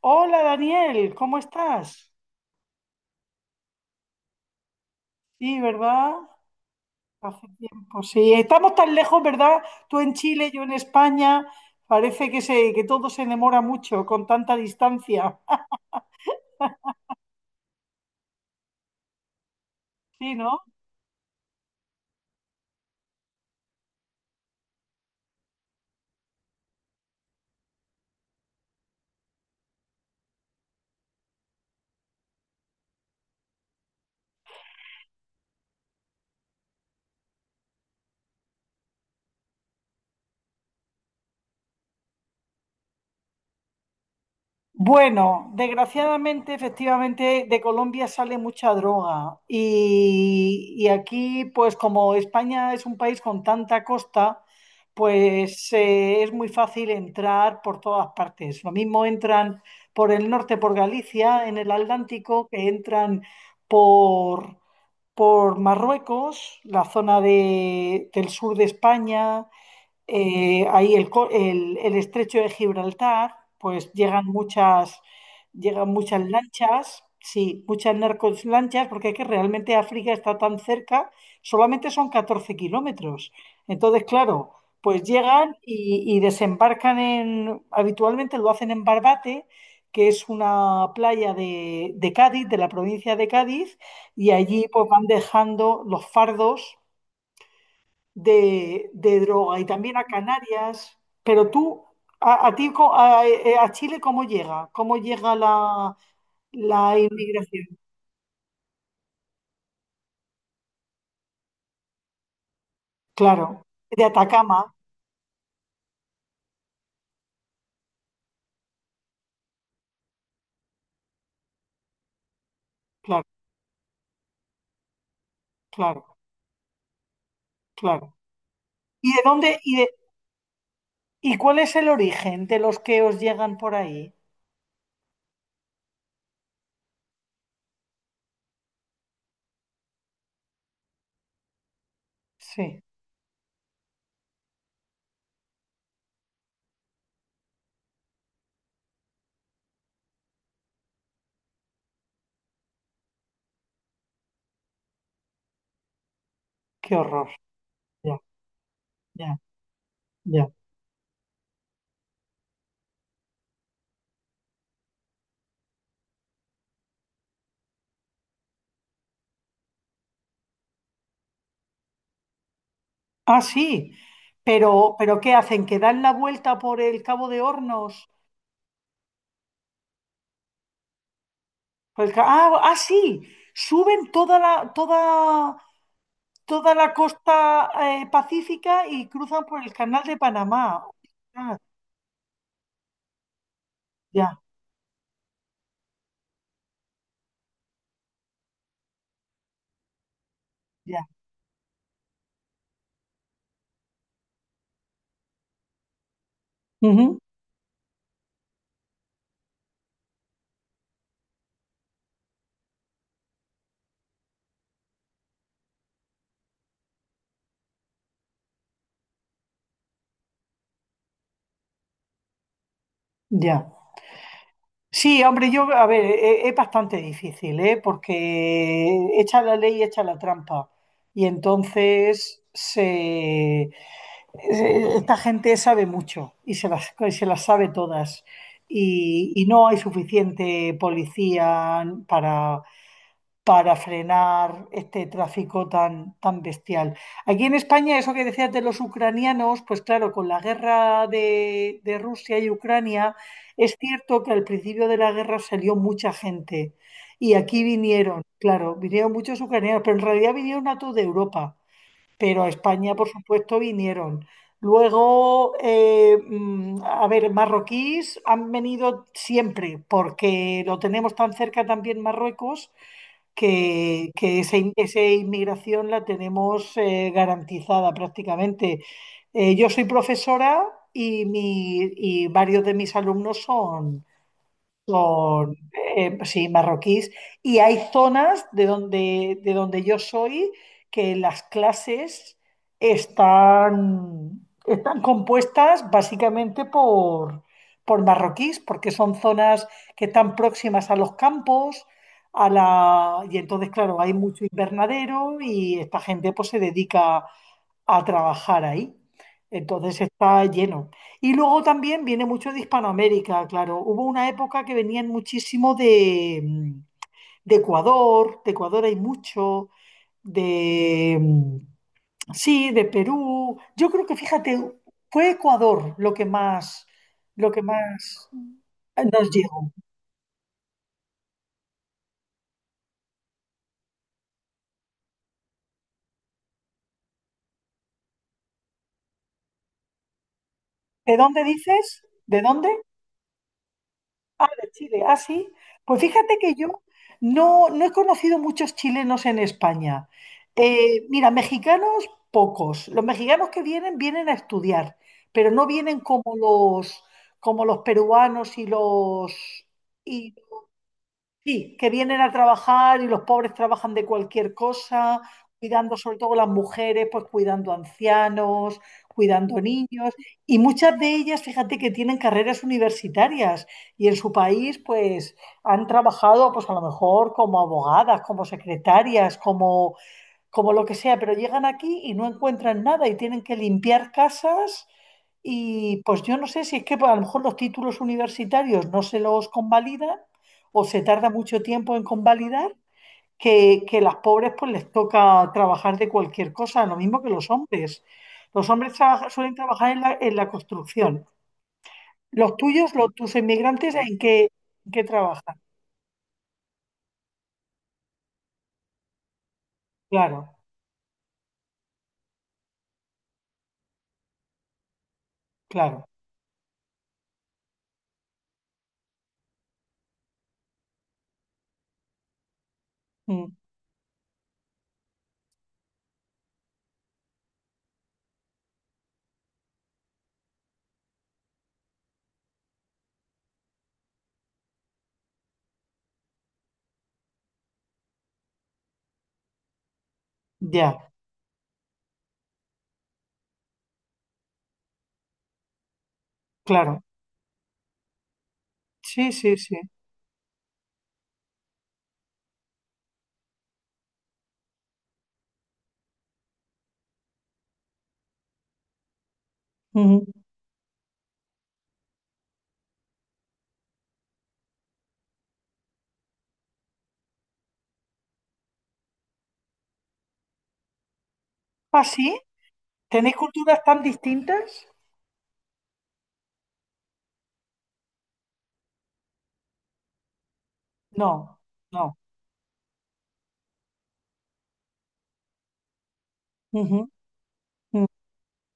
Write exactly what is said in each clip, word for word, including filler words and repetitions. Hola Daniel, ¿cómo estás? Sí, ¿verdad? Hace tiempo, sí. Estamos tan lejos, ¿verdad? Tú en Chile, yo en España. Parece que se, que todo se demora mucho con tanta distancia. Sí, ¿no? Bueno, desgraciadamente, efectivamente, de Colombia sale mucha droga y, y aquí, pues como España es un país con tanta costa, pues eh, es muy fácil entrar por todas partes. Lo mismo entran por el norte, por Galicia, en el Atlántico, que entran por, por Marruecos, la zona de- del sur de España, eh, ahí el, co- el- el estrecho de Gibraltar, pues llegan muchas, llegan muchas lanchas, sí, muchas narcos lanchas, porque es que realmente África está tan cerca, solamente son catorce kilómetros. Entonces, claro, pues llegan y, y desembarcan en, habitualmente lo hacen en Barbate, que es una playa de, de Cádiz, de la provincia de Cádiz, y allí pues van dejando los fardos de, de droga y también a Canarias. Pero tú, a, a ti, co- a, eh, a Chile, ¿cómo llega? ¿Cómo llega la, la inmigración? Claro, de Atacama, claro, claro, claro. ¿Y de dónde, y de, y cuál es el origen de los que os llegan por ahí? Sí, qué horror. Ya, ya, ya. Ah, sí. Pero, pero ¿qué hacen? ¿Que dan la vuelta por el Cabo de Hornos? Por el ca- ah, ah, sí. Suben toda la, toda, toda la costa eh, pacífica y cruzan por el canal de Panamá. Ah, ya, ya. Ujú, ya. Sí, hombre, yo, a ver, e- e, es, bastante difícil, ¿eh? Porque echa la ley, echa la trampa. Y entonces se, se- esta gente sabe mucho y se las, y se las sabe todas. Y, y no hay suficiente policía para, para frenar este tráfico tan, tan bestial. Aquí en España, eso que decías de los ucranianos, pues claro, con la guerra de, de Rusia y Ucrania, es cierto que al principio de la guerra salió mucha gente y aquí vinieron, claro, vinieron muchos ucranianos, pero en realidad vinieron a toda Europa, pero a España, por supuesto, vinieron. Luego, eh, mm, a ver, marroquíes han venido siempre, porque lo tenemos tan cerca también Marruecos que, que esa, in- esa inmigración la tenemos eh, garantizada prácticamente. Eh, yo soy profesora y, mi- y varios de mis alumnos son, son, eh, pues sí, marroquíes. Y hay zonas de donde, de donde, yo soy que las clases están, están compuestas básicamente por, por marroquíes, porque son zonas que están próximas a los campos, a la... y entonces, claro, hay mucho invernadero y esta gente pues se dedica a trabajar ahí. Entonces está lleno. Y luego también viene mucho de Hispanoamérica, claro. Hubo una época que venían muchísimo de, mm, de Ecuador, de Ecuador hay mucho, de, mm, sí, de Perú. Yo creo que, fíjate, fue Ecuador lo que más, lo que más, nos llegó. ¿De dónde dices? ¿De dónde? Ah, de Chile, ah, sí. Pues fíjate que yo no, no he conocido muchos chilenos en España. Eh, mira, mexicanos, pocos. Los mexicanos que vienen, vienen a estudiar, pero no vienen como los, como los peruanos y los, sí, que vienen a trabajar y los pobres trabajan de cualquier cosa, cuidando sobre todo las mujeres, pues cuidando ancianos, cuidando niños. Y muchas de ellas, fíjate que tienen carreras universitarias y en su país, pues han trabajado, pues a lo mejor como abogadas, como secretarias, como como lo que sea, pero llegan aquí y no encuentran nada y tienen que limpiar casas y pues yo no sé si es que pues, a lo mejor los títulos universitarios no se los convalidan o se tarda mucho tiempo en convalidar, que, que las pobres pues les toca trabajar de cualquier cosa, lo mismo que los hombres. Los hombres trabaja- suelen trabajar en la, en la construcción. Los tuyos, los, tus inmigrantes, ¿en qué, en qué trabajan? Claro, claro. Mm, ya, claro. Sí, sí, sí. Ujú. ¿Ah, sí? ¿Tenéis culturas tan distintas? No, no. Ujú, mm,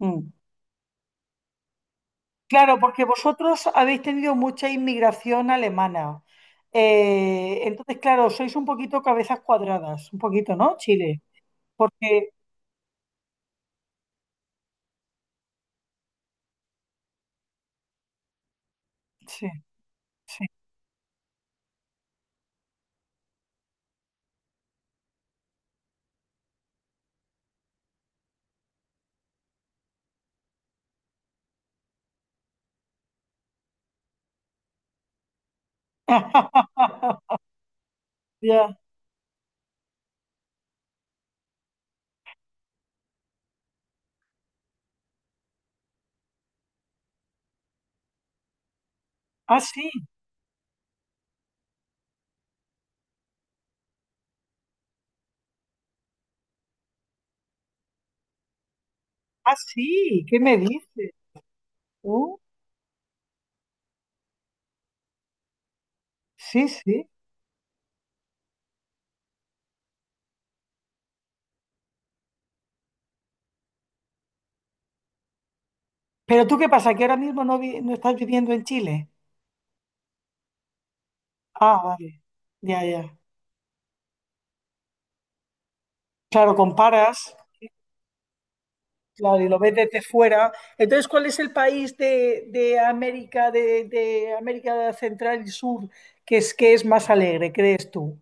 mm. Claro, porque vosotros habéis tenido mucha inmigración alemana. Eh, entonces, claro, sois un poquito cabezas cuadradas, un poquito, ¿no? Chile. Porque, sí, sí. Ya. Ah, sí, ah, sí, ¿qué me dices? Uh, sí, sí. Pero tú qué pasa, que ahora mismo no, vi- no estás viviendo en Chile. Ah, vale. Ya, ya. Claro, comparas. Claro, y lo ves desde fuera. Entonces, ¿cuál es el país de, de América, de, de América Central y Sur que es, que es más alegre, crees tú?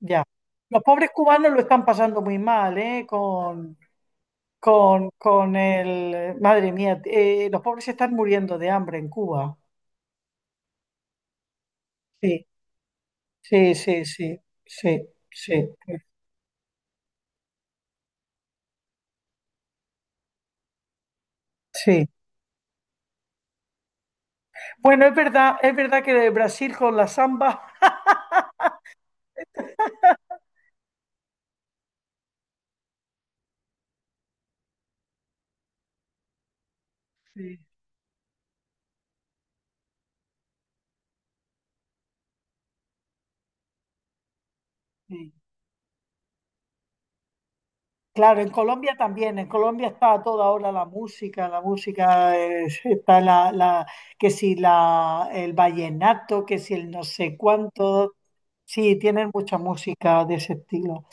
Ya. Los pobres cubanos lo están pasando muy mal, ¿eh? Con, con, con el... Madre mía, eh, los pobres se están muriendo de hambre en Cuba. Sí, sí, sí, sí, sí, sí, sí. Bueno, es verdad, es verdad que Brasil con la samba... Sí, sí. Claro, en Colombia también, en Colombia está a toda hora la música, la música es- está la, la- que si la, el vallenato, que si el no sé cuánto, sí, tienen mucha música de ese estilo.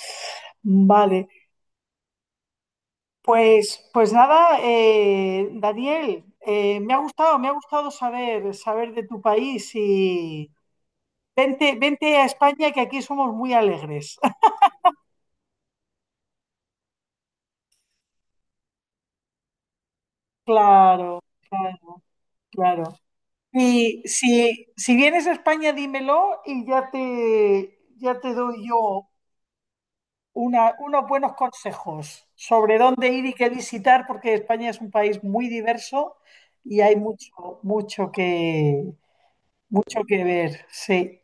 Vale, pues, pues nada, eh, Daniel, eh, me ha gustado, me ha gustado, saber, saber de tu país y vente, vente a España que aquí somos muy alegres. Claro, claro, claro. Si, si, si vienes a España, dímelo y ya te, ya te doy yo una- unos buenos consejos sobre dónde ir y qué visitar, porque España es un país muy diverso y hay mucho, mucho que, mucho que ver. Sí.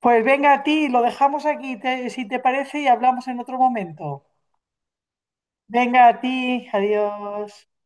Pues venga a ti, lo dejamos aquí, te- si te parece, y hablamos en otro momento. Venga a ti, adiós.